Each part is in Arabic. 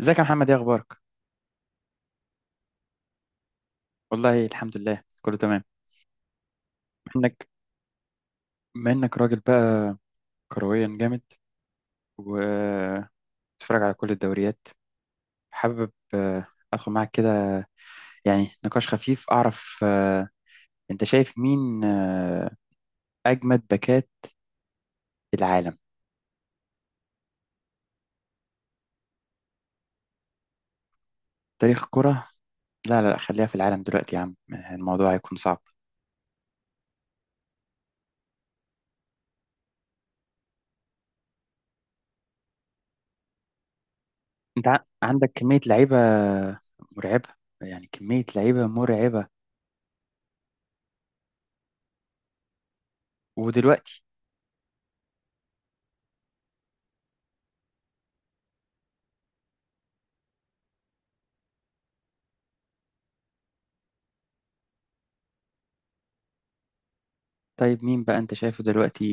ازيك يا محمد؟ ايه اخبارك؟ والله الحمد لله، كله تمام. بما انك بما انك راجل بقى كرويا جامد وتتفرج على كل الدوريات، حابب ادخل معاك كده يعني نقاش خفيف، اعرف انت شايف مين اجمد باكات العالم. تاريخ الكرة؟ لا لا لا، خليها في العالم دلوقتي يا عم، الموضوع هيكون صعب. انت عندك كمية لعيبة مرعبة، يعني كمية لعيبة مرعبة. ودلوقتي طيب مين بقى انت شايفه دلوقتي،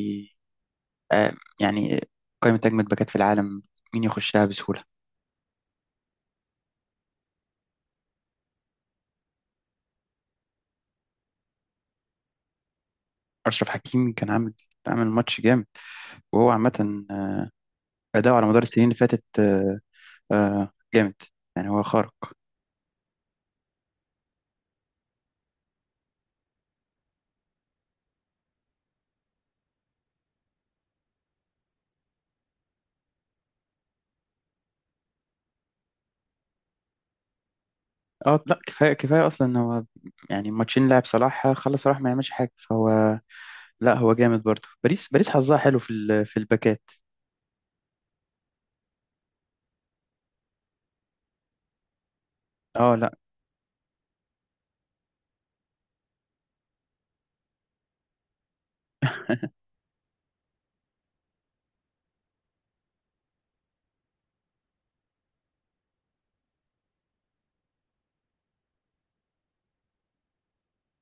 آه، يعني قائمة أجمد باكات في العالم مين يخشها بسهولة؟ أشرف حكيمي كان عامل ماتش جامد، وهو عامة أداؤه على مدار السنين اللي فاتت جامد، يعني هو خارق. اه لا، كفاية كفاية أصلا إن هو، يعني الماتشين لعب صلاح، خلص صلاح ما يعملش حاجة، فهو لا، هو جامد برضه. باريس، باريس حظها حلو في الباكات. اه لا،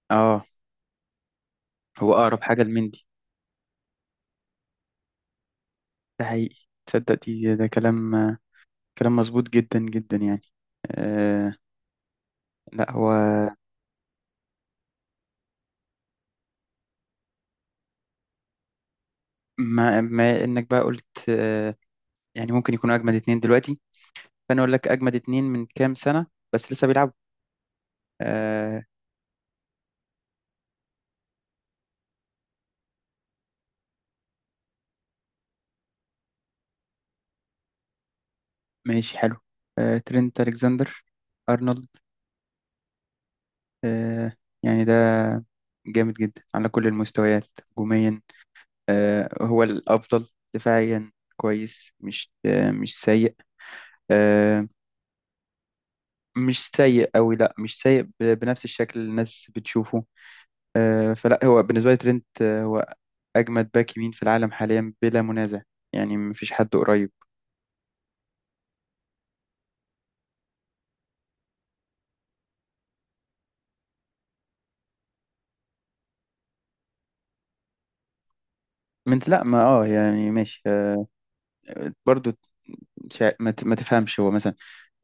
اه، هو أقرب حاجة لمندي، ده حقيقي، تصدق دي، ده كلام مظبوط جدا جدا يعني. آه لا، هو ما انك بقى قلت، يعني ممكن يكونوا اجمد اتنين دلوقتي، فانا اقول لك اجمد اتنين من كام سنة بس لسه بيلعبوا. آه ماشي، حلو. ترينت الكسندر ارنولد، آه يعني ده جامد جدا على كل المستويات، هجوميا هو الافضل، دفاعيا كويس، مش مش سيء، آه مش سيء قوي، لا مش سيء بنفس الشكل اللي الناس بتشوفه. فلا، هو بالنسبة لي ترينت هو أجمد باك يمين في العالم حاليا بلا منازع، يعني مفيش حد قريب. من لا، ما يعني ماشي برضو، ما تفهمش هو مثلا،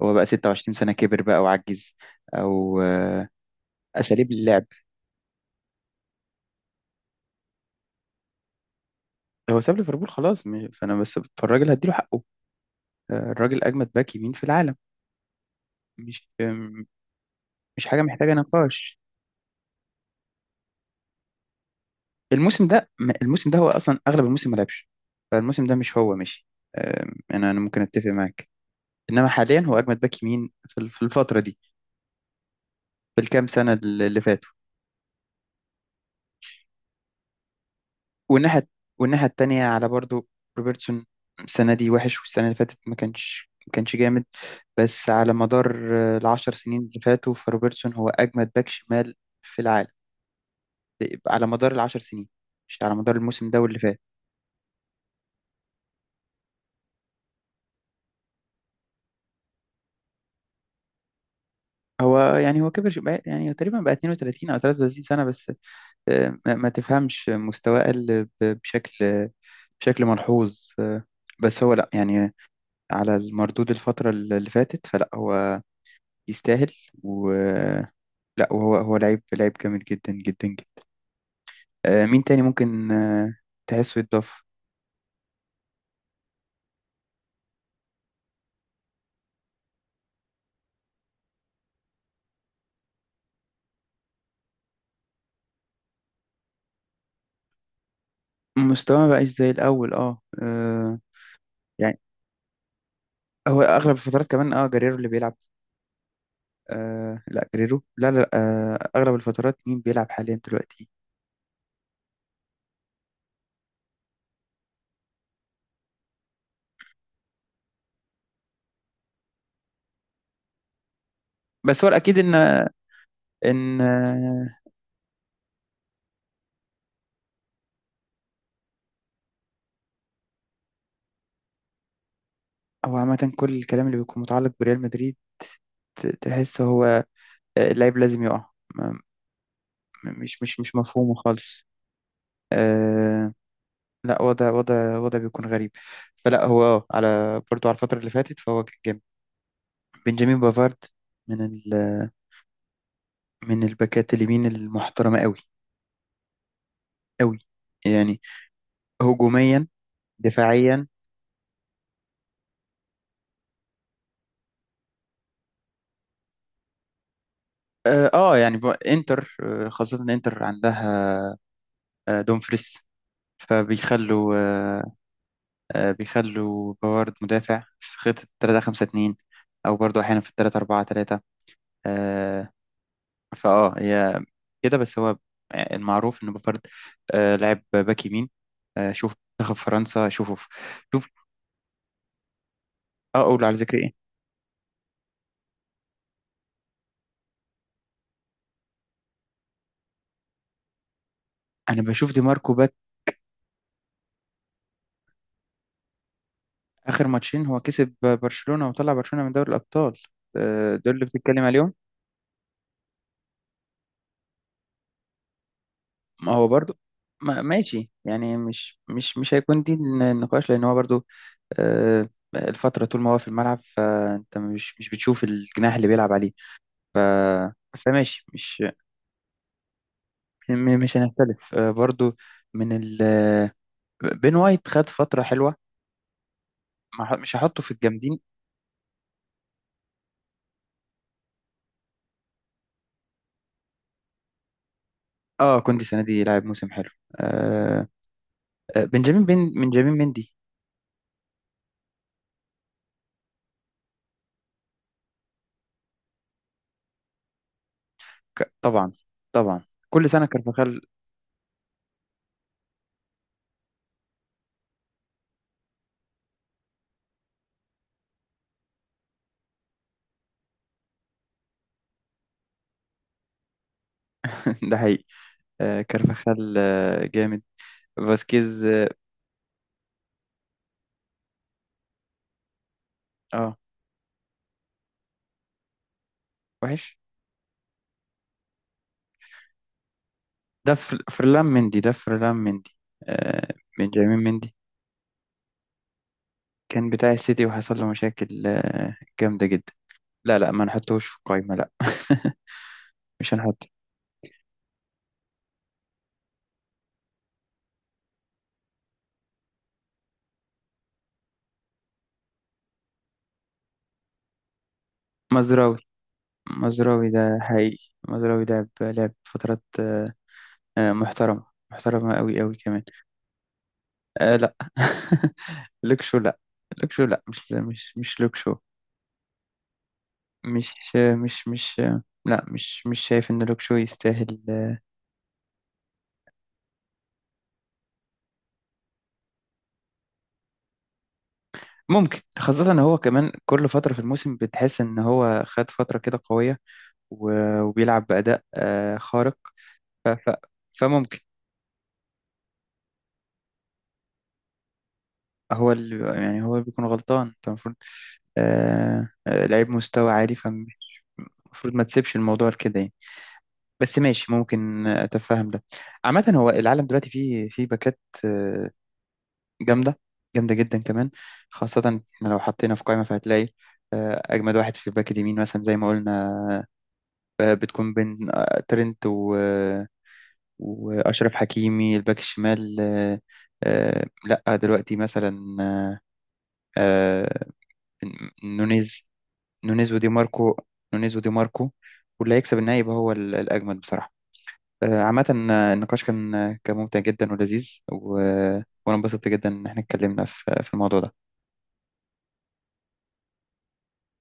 هو بقى 26 سنة كبر بقى وعجز، أو أساليب اللعب. هو ساب ليفربول خلاص، فأنا بس، فالراجل هديله حقه. الراجل أجمد باك يمين في العالم، مش مش حاجة محتاجة نقاش. الموسم ده هو أصلا أغلب الموسم ما لعبش، فالموسم ده مش هو، ماشي. أنا ممكن أتفق معاك، انما حاليا هو اجمد باك يمين في الفتره دي، بالكام سنة اللي فاتوا. والناحية والناحية التانية على برضو، روبرتسون، السنة دي وحش والسنة اللي فاتت ما كانش جامد، بس على مدار العشر سنين اللي فاتوا فروبرتسون هو أجمد باك شمال في العالم، على مدار العشر سنين، مش على مدار الموسم ده واللي فات. هو يعني، هو كبر يعني هو تقريبا بقى 32 أو 33 سنة بس. ما تفهمش مستواه قل، بشكل ملحوظ بس هو لا يعني، على المردود الفترة اللي فاتت، فلا هو يستاهل. و لا، وهو لعيب، لعيب جامد جدا جدا جدا. مين تاني ممكن تحسه يتضاف؟ مستواه ما بقاش زي الأول، اه يعني هو أغلب الفترات كمان، اه، جريرو اللي بيلعب. لا، جريرو لا لا. أغلب الفترات مين بيلعب حاليا دلوقتي؟ بس هو الأكيد إن هو عامة كل الكلام اللي بيكون متعلق بريال مدريد، تحس هو اللعيب لازم يقع، مش مفهومه خالص. آه، لا، وضع بيكون غريب. فلا هو، اه، على برضو على الفترة اللي فاتت فهو كان جامد. بنجامين بافارد من ال من الباكات اليمين المحترمة قوي، قوي يعني، هجوميا، دفاعيا. اه يعني انتر، خاصة إن انتر عندها دومفريس، فبيخلوا آه، بيخلوا بافارد مدافع في خطة 3 5 2، او برضو احيانا في 3 4 3. فاه، هي كده، بس هو المعروف ان بوفارد لعب باك يمين. شوف منتخب فرنسا، شوفه شوف. اه، اقول على ذكر ايه؟ انا بشوف دي ماركو باك. اخر ماتشين هو كسب برشلونة وطلع برشلونة من دوري الابطال، دول اللي بتتكلم عليهم؟ ما هو برضو، ما ماشي يعني، مش هيكون دي النقاش، لان هو برضو آه الفترة طول ما هو في الملعب فانت مش بتشوف الجناح اللي بيلعب عليه، فماشي، مش هنختلف برضو. من ال آه، بين وايت خد فترة حلوة، ما ح- مش هحطه في الجامدين. اه، كوندي السنة دي لعب موسم حلو. آه بنجامين بنجامين مندي. طبعا، طبعا، كل سنة كارفاخال. ده حقيقي، كارفاخال جامد. فاسكيز، اه آه، وحش. فرلان مندي، ده فرلان مندي. بنجامين مندي كان بتاع السيتي وحصل له مشاكل جامدة جدا. لا لا، ما نحطوش في القايمة، لا. مش هنحطه. مزراوي، مزراوي ده حقيقي. مزراوي لعب فترات محترمة، محترمة أوي أوي كمان. لا، لوكشو لا، لوكشو لا، مش لوكشو. مش لا، مش شايف إن لوكشو يستاهل ممكن، خاصة إن هو كمان كل فترة في الموسم بتحس إن هو خد فترة كده قوية، وبيلعب بأداء خارق. ف- ف- فممكن، هو اللي يعني، هو اللي بيكون غلطان، انت المفروض لعيب مستوى عالي المفروض ما تسيبش الموضوع لكده يعني. بس ماشي، ممكن اتفهم ده. عامة هو العالم دلوقتي فيه باكات آه، جامدة، جامدة جدا كمان، خاصة إحنا لو حطينا في قائمة فهتلاقي أجمد واحد في الباك اليمين مثلا زي ما قلنا، بتكون بين ترنت وأشرف حكيمي. الباك الشمال لأ دلوقتي مثلا، آه، نونيز نونيز ودي ماركو نونيز ودي ماركو، واللي هيكسب النهائي يبقى هو الأجمد بصراحة. عامة، النقاش كان كان ممتع جدا ولذيذ، و... آه، وأنا انبسطت جدا إن احنا اتكلمنا في الموضوع ده.